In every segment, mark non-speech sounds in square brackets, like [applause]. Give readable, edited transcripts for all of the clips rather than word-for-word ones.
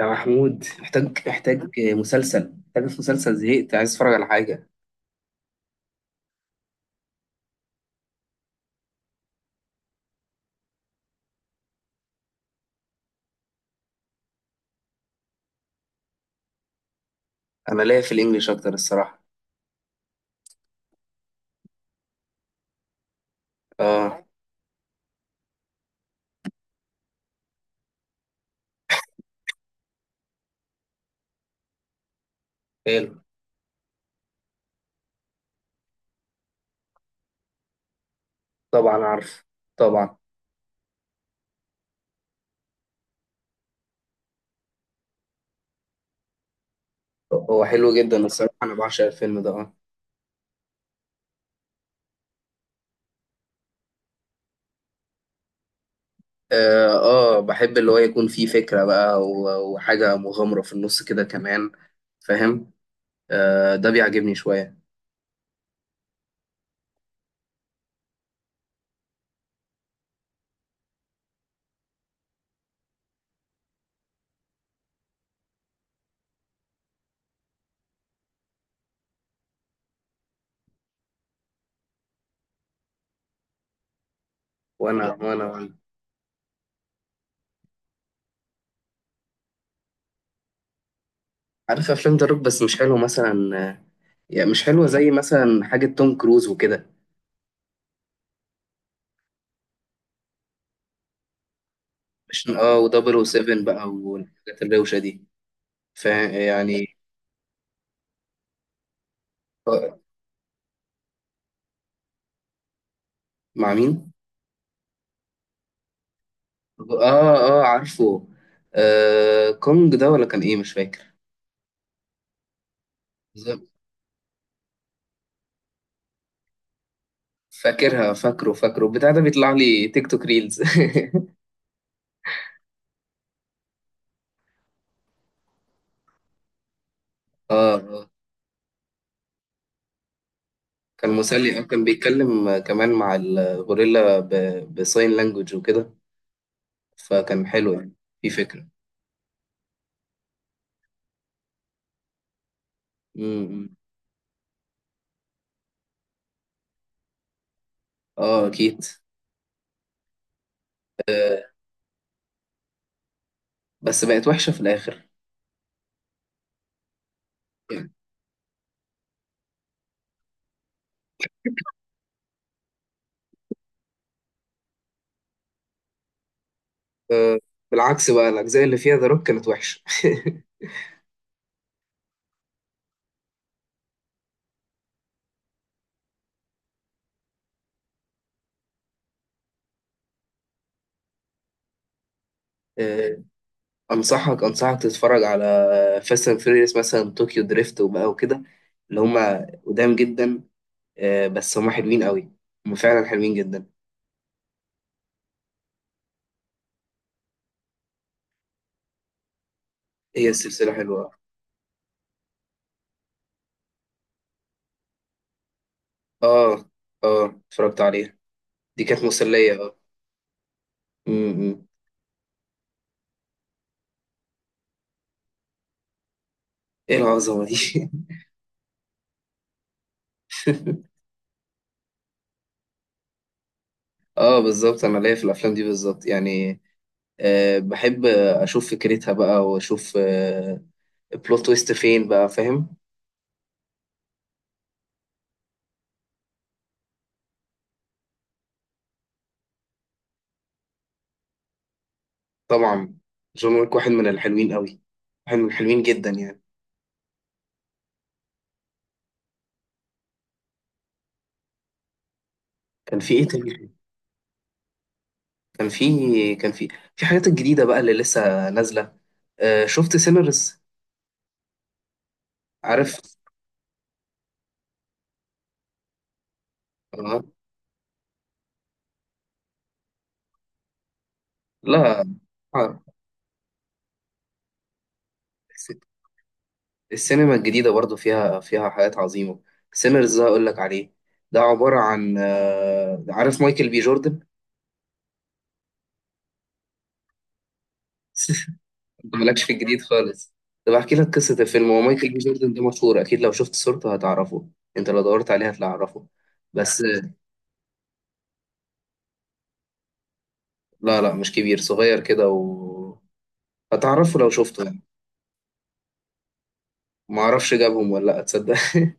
يا محمود، محتاج مسلسل. محتاج في مسلسل، زهقت، عايز اتفرج على حاجة. أنا ليا في الإنجليش أكتر الصراحة. آه. حلو. طبعا عارف، طبعا. هو حلو جدا الصراحة، أنا بعشق الفيلم ده. آه آه آه، بحب اللي هو يكون فيه فكرة بقى وحاجة مغامرة في النص كده كمان. فاهم. آه، ده بيعجبني شوية. وأنا وأنا وأنا. عارف أفلام ذا روك بس مش حلو مثلا. يعني مش حلوة زي مثلا حاجة توم كروز وكده. مش و007 بقى والحاجات الروشة دي. فيعني. مع مين؟ اه اه، عارفه. آه، كونج ده ولا كان ايه مش فاكر. بالظبط. فاكرها، فاكره بتاع ده بيطلع لي تيك توك ريلز. [laughs] اه آه. كان مسلي، آه، كان بيتكلم كمان مع الغوريلا بساين لانجوج وكده. فكان حلو يعني. في فكرة. امم. اه اكيد. بس بقت وحشة في الاخر. آه. بالعكس بقى، الاجزاء اللي فيها ذا روك كانت وحشة. [laughs] انصحك تتفرج على فاست اند فيوريوس، مثلا طوكيو دريفت وبقى وكده، اللي هما قدام جدا. آه، بس هما حلوين قوي. هما فعلا حلوين جدا. هي السلسله حلوه. اه اه، اتفرجت عليها. دي كانت مسليه. اه. م- م. ايه العظمه دي. [laughs] اه بالظبط، انا ليا في الافلام دي بالظبط يعني. أه، بحب اشوف فكرتها بقى واشوف، بلوت تويست فين بقى. فاهم. طبعا. جون ويك واحد من الحلوين قوي. واحد من الحلوين جدا يعني. كان في ايه تاني؟ كان في في حاجات الجديدة بقى اللي لسه نازلة. آه، شفت سينرز؟ عارف. آه. لا. آه. السينما الجديدة برضو فيها حاجات عظيمة. سينرز ده أقول لك عليه. ده عبارة عن، عارف مايكل بي جوردن. [laughs] انت مالكش في الجديد خالص. طب احكي لك قصة الفيلم. هو مايكل بي جوردن ده مشهور، أكيد لو شفت صورته هتعرفه. انت لو دورت عليه هتعرفه. بس لا لا، مش كبير، صغير كده و... هتعرفه لو شفته يعني. ما اعرفش جابهم ولا لا، تصدق. [laughs]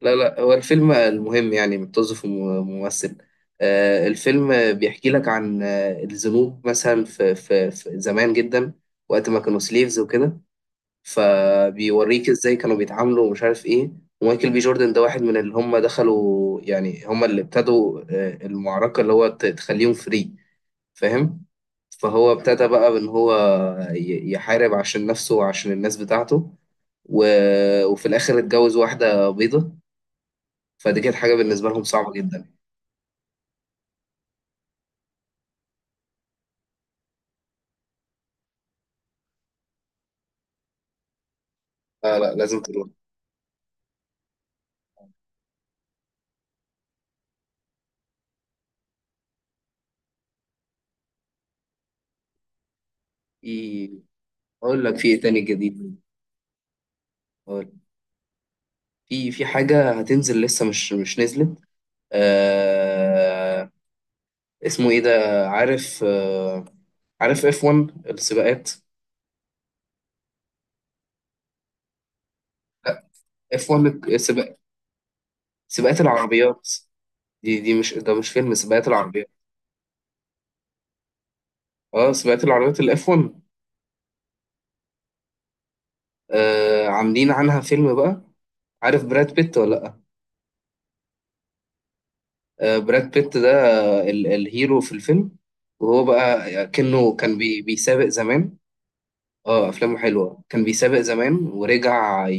لا لا، هو الفيلم المهم يعني متوظف ممثل. آه، الفيلم بيحكي لك عن، آه، الذنوب مثلا في زمان جدا، وقت ما كانوا سليفز وكده. فبيوريك ازاي كانوا بيتعاملوا ومش عارف ايه. ومايكل بي جوردن ده واحد من اللي هم دخلوا، يعني هم اللي ابتدوا، آه، المعركة اللي هو تخليهم فري. فاهم. فهو ابتدى بقى ان هو يحارب عشان نفسه وعشان الناس بتاعته و... وفي الاخر اتجوز واحده بيضه، فدي كانت حاجه بالنسبه لهم صعبه جدا. لا لا، لازم تروح. في، اقول لك في ايه تاني جديد. أقول. في حاجه هتنزل لسه، مش نزلت. آه. اسمه ايه ده. عارف. آه. عارف اف 1 السباقات. لا. اف 1 السباق، سباقات العربيات. دي مش، ده مش فيلم سباقات العربيات. اه، سباقات العربيات الاف 1. آه، عاملين عنها فيلم بقى. عارف براد بيت ولا لا؟ آه، براد بيت ده، آه، الهيرو في الفيلم. وهو بقى كأنه كان بيسابق زمان. اه، افلامه حلوه. كان بيسابق زمان ورجع ي...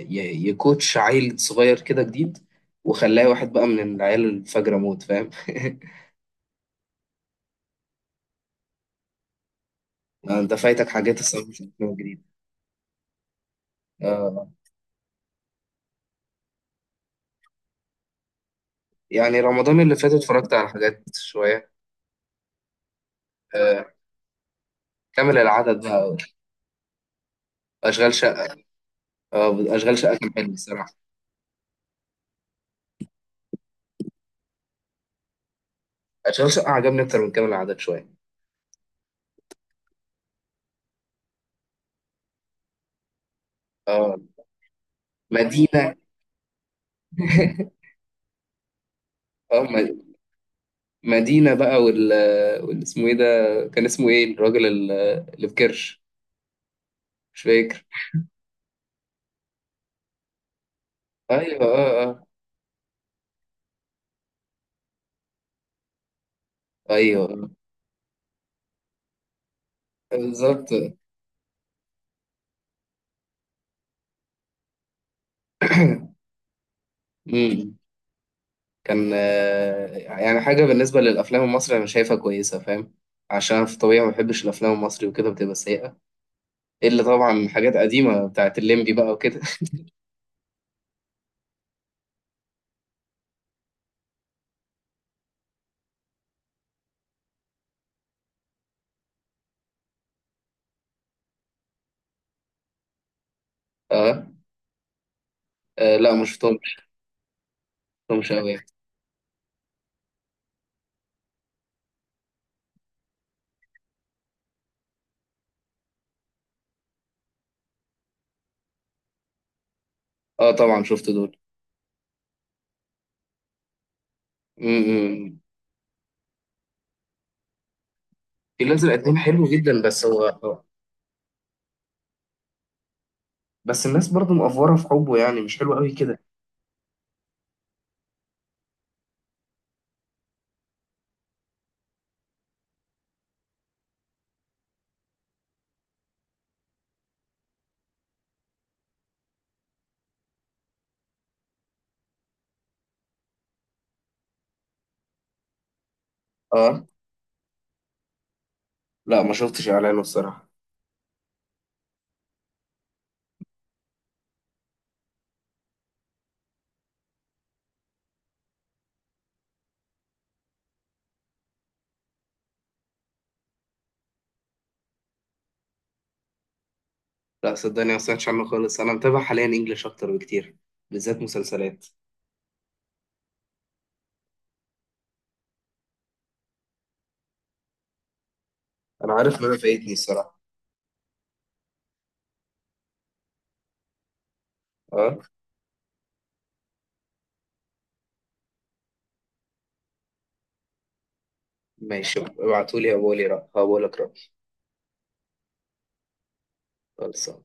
يكوتش عيل صغير كده جديد، وخلاه واحد بقى من العيال الفجرة موت. فاهم. [laughs] آه، انت فايتك حاجات الصراحه في الافلام الجديده. آه، يعني رمضان اللي فات اتفرجت على حاجات شويه. آه، كامل العدد بقى. اشغال شقه. آه، اشغال شقه كان حلو الصراحه. اشغال شقه عجبني اكتر من كامل العدد شويه. اه، مدينه. [laughs] اه مدينة بقى اسمه ايه ده؟ كان اسمه ايه الراجل اللي في كرش، مش فاكر. ايوه، اه اه. ايوه بالظبط. امم. كان، آه، يعني حاجة بالنسبة للأفلام المصري أنا شايفها كويسة. فاهم. عشان أنا في طبيعي ما بحبش الأفلام المصري وكده، بتبقى سيئة. إلا طبعا حاجات قديمة بتاعت الليمبي بقى وكده. [laughs] اه آه، لا ما شفتهمش. ما شفتهمش أوي يعني. اه طبعا، شفت دول. امم. الفيل الأزرق اتنين حلو جدا، بس هو اه. بس الناس برضو مقفورة في حبه، يعني مش حلو قوي كده. اه لا، ما شفتش اعلانه الصراحة. لا صدقني، ما سمعتش عنه خالص. انا متابع حاليا انجلش اكتر بكتير، بالذات مسلسلات. انا عارف ان انا فايتني الصراحة. اه ماشي، ابعتولي هقولي رأ هقولك رأي. خلاص